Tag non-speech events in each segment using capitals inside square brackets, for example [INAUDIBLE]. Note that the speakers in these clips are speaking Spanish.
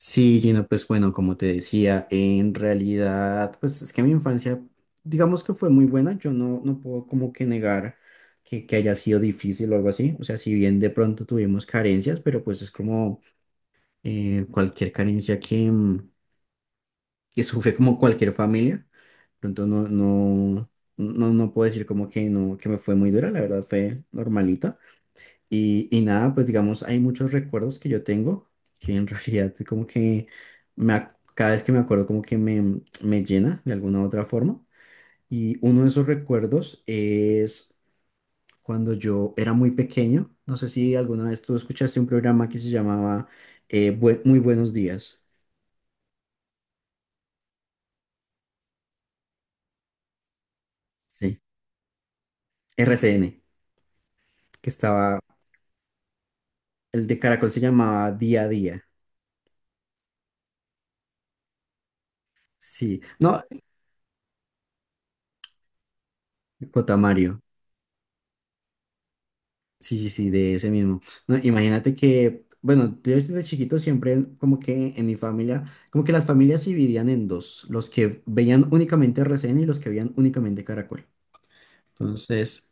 Sí, Gina, pues bueno, como te decía, en realidad, pues es que mi infancia, digamos que fue muy buena, yo no puedo como que negar que haya sido difícil o algo así. O sea, si bien de pronto tuvimos carencias, pero pues es como cualquier carencia que, que sufre como cualquier familia, pronto no, no, no puedo decir como que no, que me fue muy dura, la verdad fue normalita. Y nada, pues digamos, hay muchos recuerdos que yo tengo que en [LAUGHS] realidad como que cada vez que me acuerdo como que me llena de alguna u otra forma. Y uno de esos recuerdos es cuando yo era muy pequeño. No sé si alguna vez tú escuchaste un programa que se llamaba Muy Buenos Días. Sí, RCN, que estaba, el de Caracol se llamaba Día a Día. Sí, no, Cotamario. Sí, sí, sí, de ese mismo. No, imagínate que, bueno, yo desde chiquito siempre como que en mi familia, como que las familias se dividían en dos: los que veían únicamente RCN y los que veían únicamente Caracol. Entonces,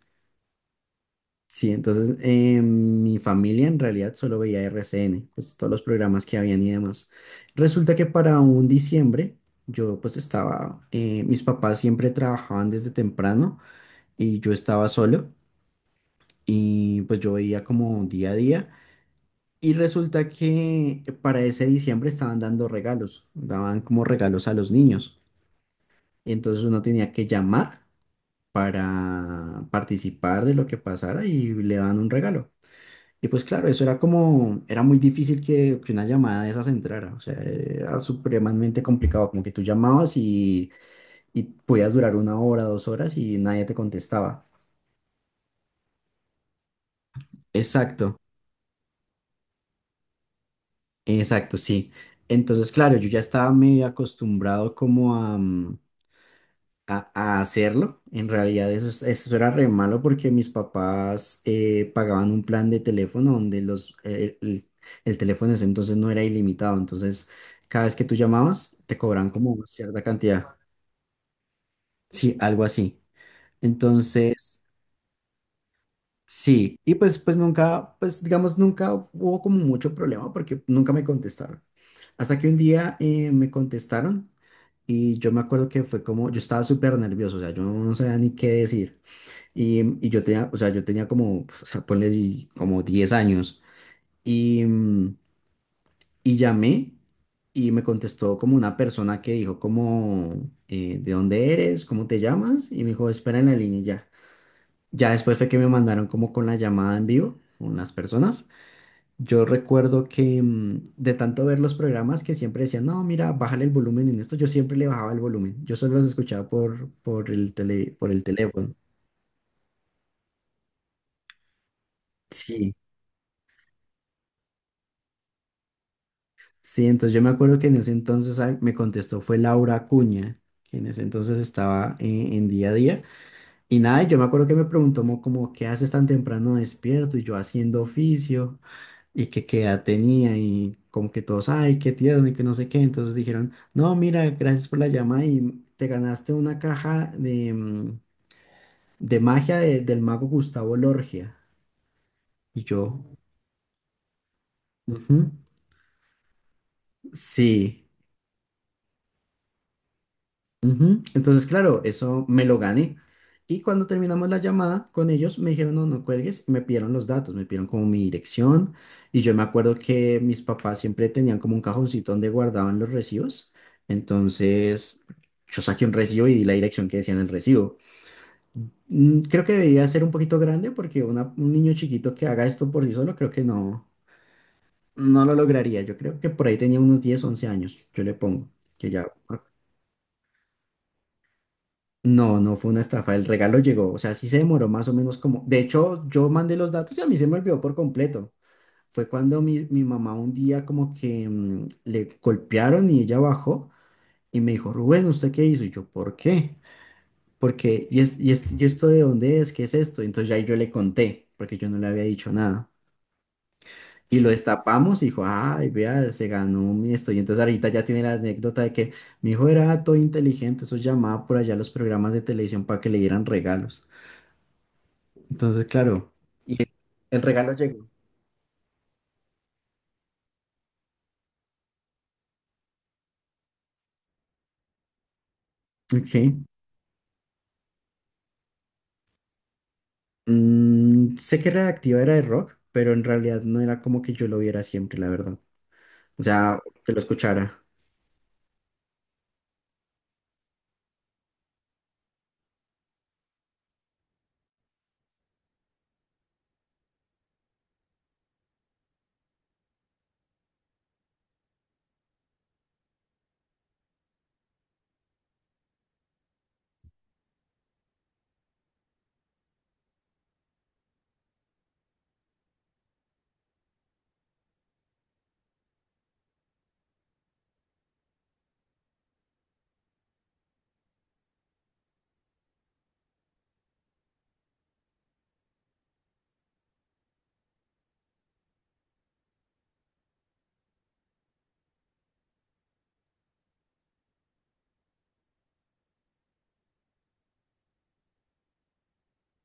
sí, entonces mi familia en realidad solo veía RCN, pues todos los programas que habían y demás. Resulta que para un diciembre yo pues estaba, mis papás siempre trabajaban desde temprano y yo estaba solo y pues yo veía como día a día. Y resulta que para ese diciembre estaban dando regalos, daban como regalos a los niños. Entonces uno tenía que llamar para participar de lo que pasara y le daban un regalo. Y pues claro, eso era como, era muy difícil que una llamada de esas entrara. O sea, era supremamente complicado, como que tú llamabas y podías durar una hora, dos horas y nadie te contestaba. Exacto, exacto, sí. Entonces, claro, yo ya estaba medio acostumbrado como a... a hacerlo. En realidad eso, eso era re malo porque mis papás pagaban un plan de teléfono donde el teléfono en ese entonces no era ilimitado. Entonces, cada vez que tú llamabas, te cobraban como cierta cantidad. Sí, algo así. Entonces, sí. Y pues, pues nunca, pues digamos, nunca hubo como mucho problema porque nunca me contestaron. Hasta que un día me contestaron y yo me acuerdo que fue como, yo estaba súper nervioso. O sea, yo no sabía ni qué decir. Y yo tenía, o sea, yo tenía como, o sea, como 10 años. Y, mm, y llamé y me contestó como una persona que dijo como, ¿de dónde eres? ¿Cómo te llamas? Y me dijo, espera en la línea y ya. Ya después fue que me mandaron como con la llamada en vivo, con las personas. Yo recuerdo que de tanto ver los programas que siempre decían, no, mira, bájale el volumen en esto, yo siempre le bajaba el volumen. Yo solo los escuchaba por el tele, por el teléfono. Sí, sí, entonces yo me acuerdo que en ese entonces me contestó fue Laura Acuña, que en ese entonces estaba en día a día. Y nada, yo me acuerdo que me preguntó como, ¿qué haces tan temprano despierto? Y yo haciendo oficio y que qué edad tenía y como que todos, ay, qué tierno y que no sé qué. Entonces dijeron, no, mira, gracias por la llamada y te ganaste una caja de magia del mago Gustavo Lorgia. Y yo, "Ujú, sí. Ujú". Entonces, claro, eso me lo gané. Y cuando terminamos la llamada con ellos, me dijeron, no, no cuelgues, y me pidieron los datos, me pidieron como mi dirección. Y yo me acuerdo que mis papás siempre tenían como un cajoncito donde guardaban los recibos. Entonces, yo saqué un recibo y di la dirección que decía en el recibo. Creo que debería ser un poquito grande porque un niño chiquito que haga esto por sí solo, creo que no, no lo lograría. Yo creo que por ahí tenía unos 10 11 años, yo le pongo, que ya. No, no fue una estafa, el regalo llegó. O sea, sí se demoró más o menos como, de hecho, yo mandé los datos y a mí se me olvidó por completo. Fue cuando mi mamá un día como que le golpearon y ella bajó y me dijo, Rubén, ¿usted qué hizo? Y yo, ¿por qué? Porque, ¿y esto de dónde es? ¿Qué es esto? Entonces ya yo le conté, porque yo no le había dicho nada. Y lo destapamos y dijo, ay, vea, se ganó mi esto. Y entonces ahorita ya tiene la anécdota de que mi hijo era todo inteligente, eso llamaba por allá a los programas de televisión para que le dieran regalos. Entonces, claro, y el regalo llegó. Ok. Sé que Radioactiva era de rock, pero en realidad no era como que yo lo viera siempre, la verdad. O sea, que lo escuchara.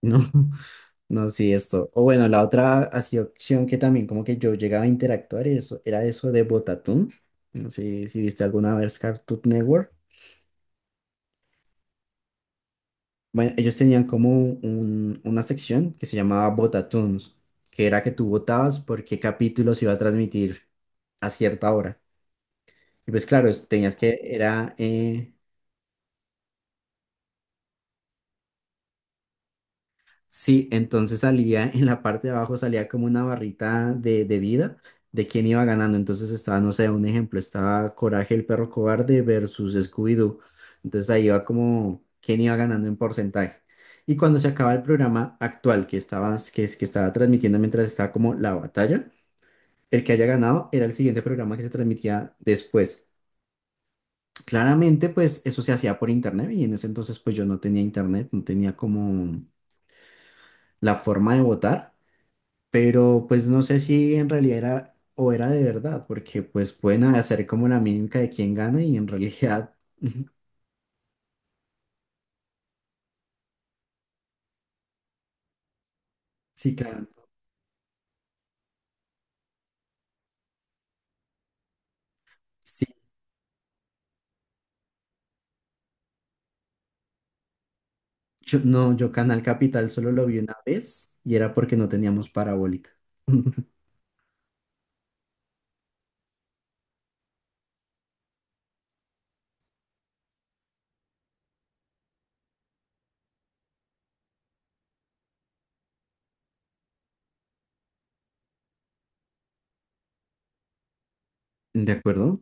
No, [LAUGHS] no, sí, esto. O bueno, la otra así opción que también como que yo llegaba a interactuar y eso, era eso de Botatún. No sé si viste alguna vez Cartoon Network. Bueno, ellos tenían como una sección que se llamaba Botatoons, que era que tú votabas por qué capítulo se iba a transmitir a cierta hora. Y pues claro, tenías que, era, sí, entonces salía en la parte de abajo, salía como una barrita de vida de quién iba ganando. Entonces estaba, no sé, un ejemplo, estaba Coraje el perro cobarde versus Scooby-Doo. Entonces ahí iba como quién iba ganando en porcentaje. Y cuando se acaba el programa actual que estaba, que estaba transmitiendo mientras estaba como la batalla, el que haya ganado era el siguiente programa que se transmitía después. Claramente, pues eso se hacía por internet y en ese entonces pues yo no tenía internet, no tenía como la forma de votar, pero pues no sé si en realidad era o era de verdad, porque pues pueden hacer como la mímica de quién gana y en realidad [LAUGHS] sí, claro. Sí, yo, no, yo Canal Capital solo lo vi una vez y era porque no teníamos parabólica. [LAUGHS] ¿De acuerdo?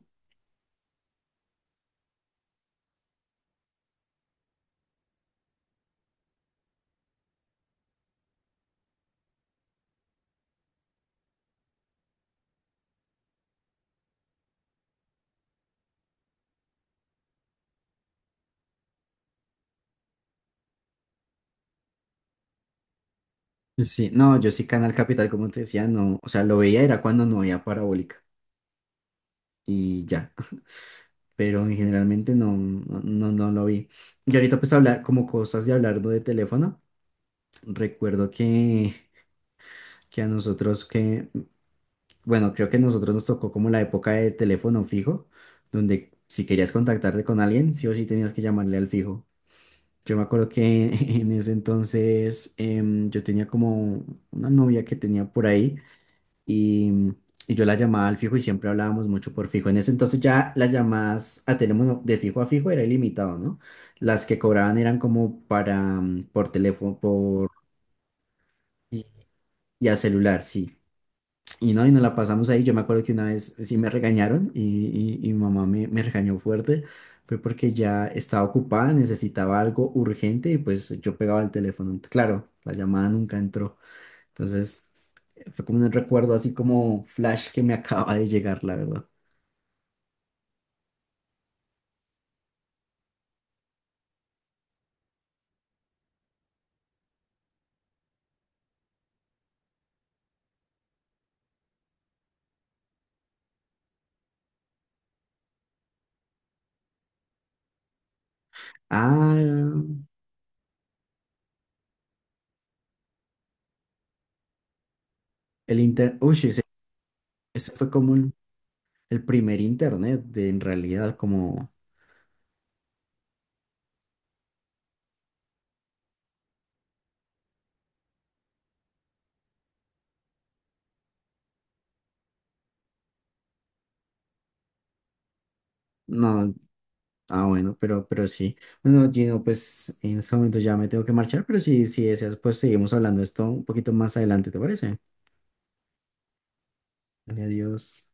Sí, no, yo sí Canal Capital, como te decía, no, o sea, lo veía era cuando no había parabólica y ya. Pero en generalmente no, no, no, no lo vi. Y ahorita pues hablar como cosas de hablar, ¿no?, de teléfono, recuerdo que a nosotros que, bueno, creo que a nosotros nos tocó como la época de teléfono fijo, donde si querías contactarte con alguien, sí o sí tenías que llamarle al fijo. Yo me acuerdo que [LAUGHS] en ese entonces yo tenía como una novia que tenía por ahí y, y yo la llamaba al fijo y siempre hablábamos mucho por fijo. En ese entonces ya las llamadas a teléfono de fijo a fijo era ilimitado, ¿no? Las que cobraban eran como para, por teléfono, por, y, y a celular, sí. Y no, y nos la pasamos ahí. Yo me acuerdo que una vez sí me regañaron y mi mamá me regañó fuerte. Fue porque ya estaba ocupada, necesitaba algo urgente y pues yo pegaba el teléfono. Claro, la llamada nunca entró. Entonces, fue como un recuerdo así como flash que me [LAUGHS] acaba de llegar, la verdad. Ah, el inter... Uy, ese fue como un- el primer internet, de, en realidad, como... No, ah, bueno, pero sí. Bueno, Gino, pues en este momento ya me tengo que marchar, pero si, si deseas, pues seguimos hablando de esto un poquito más adelante, ¿te parece? Dale, adiós.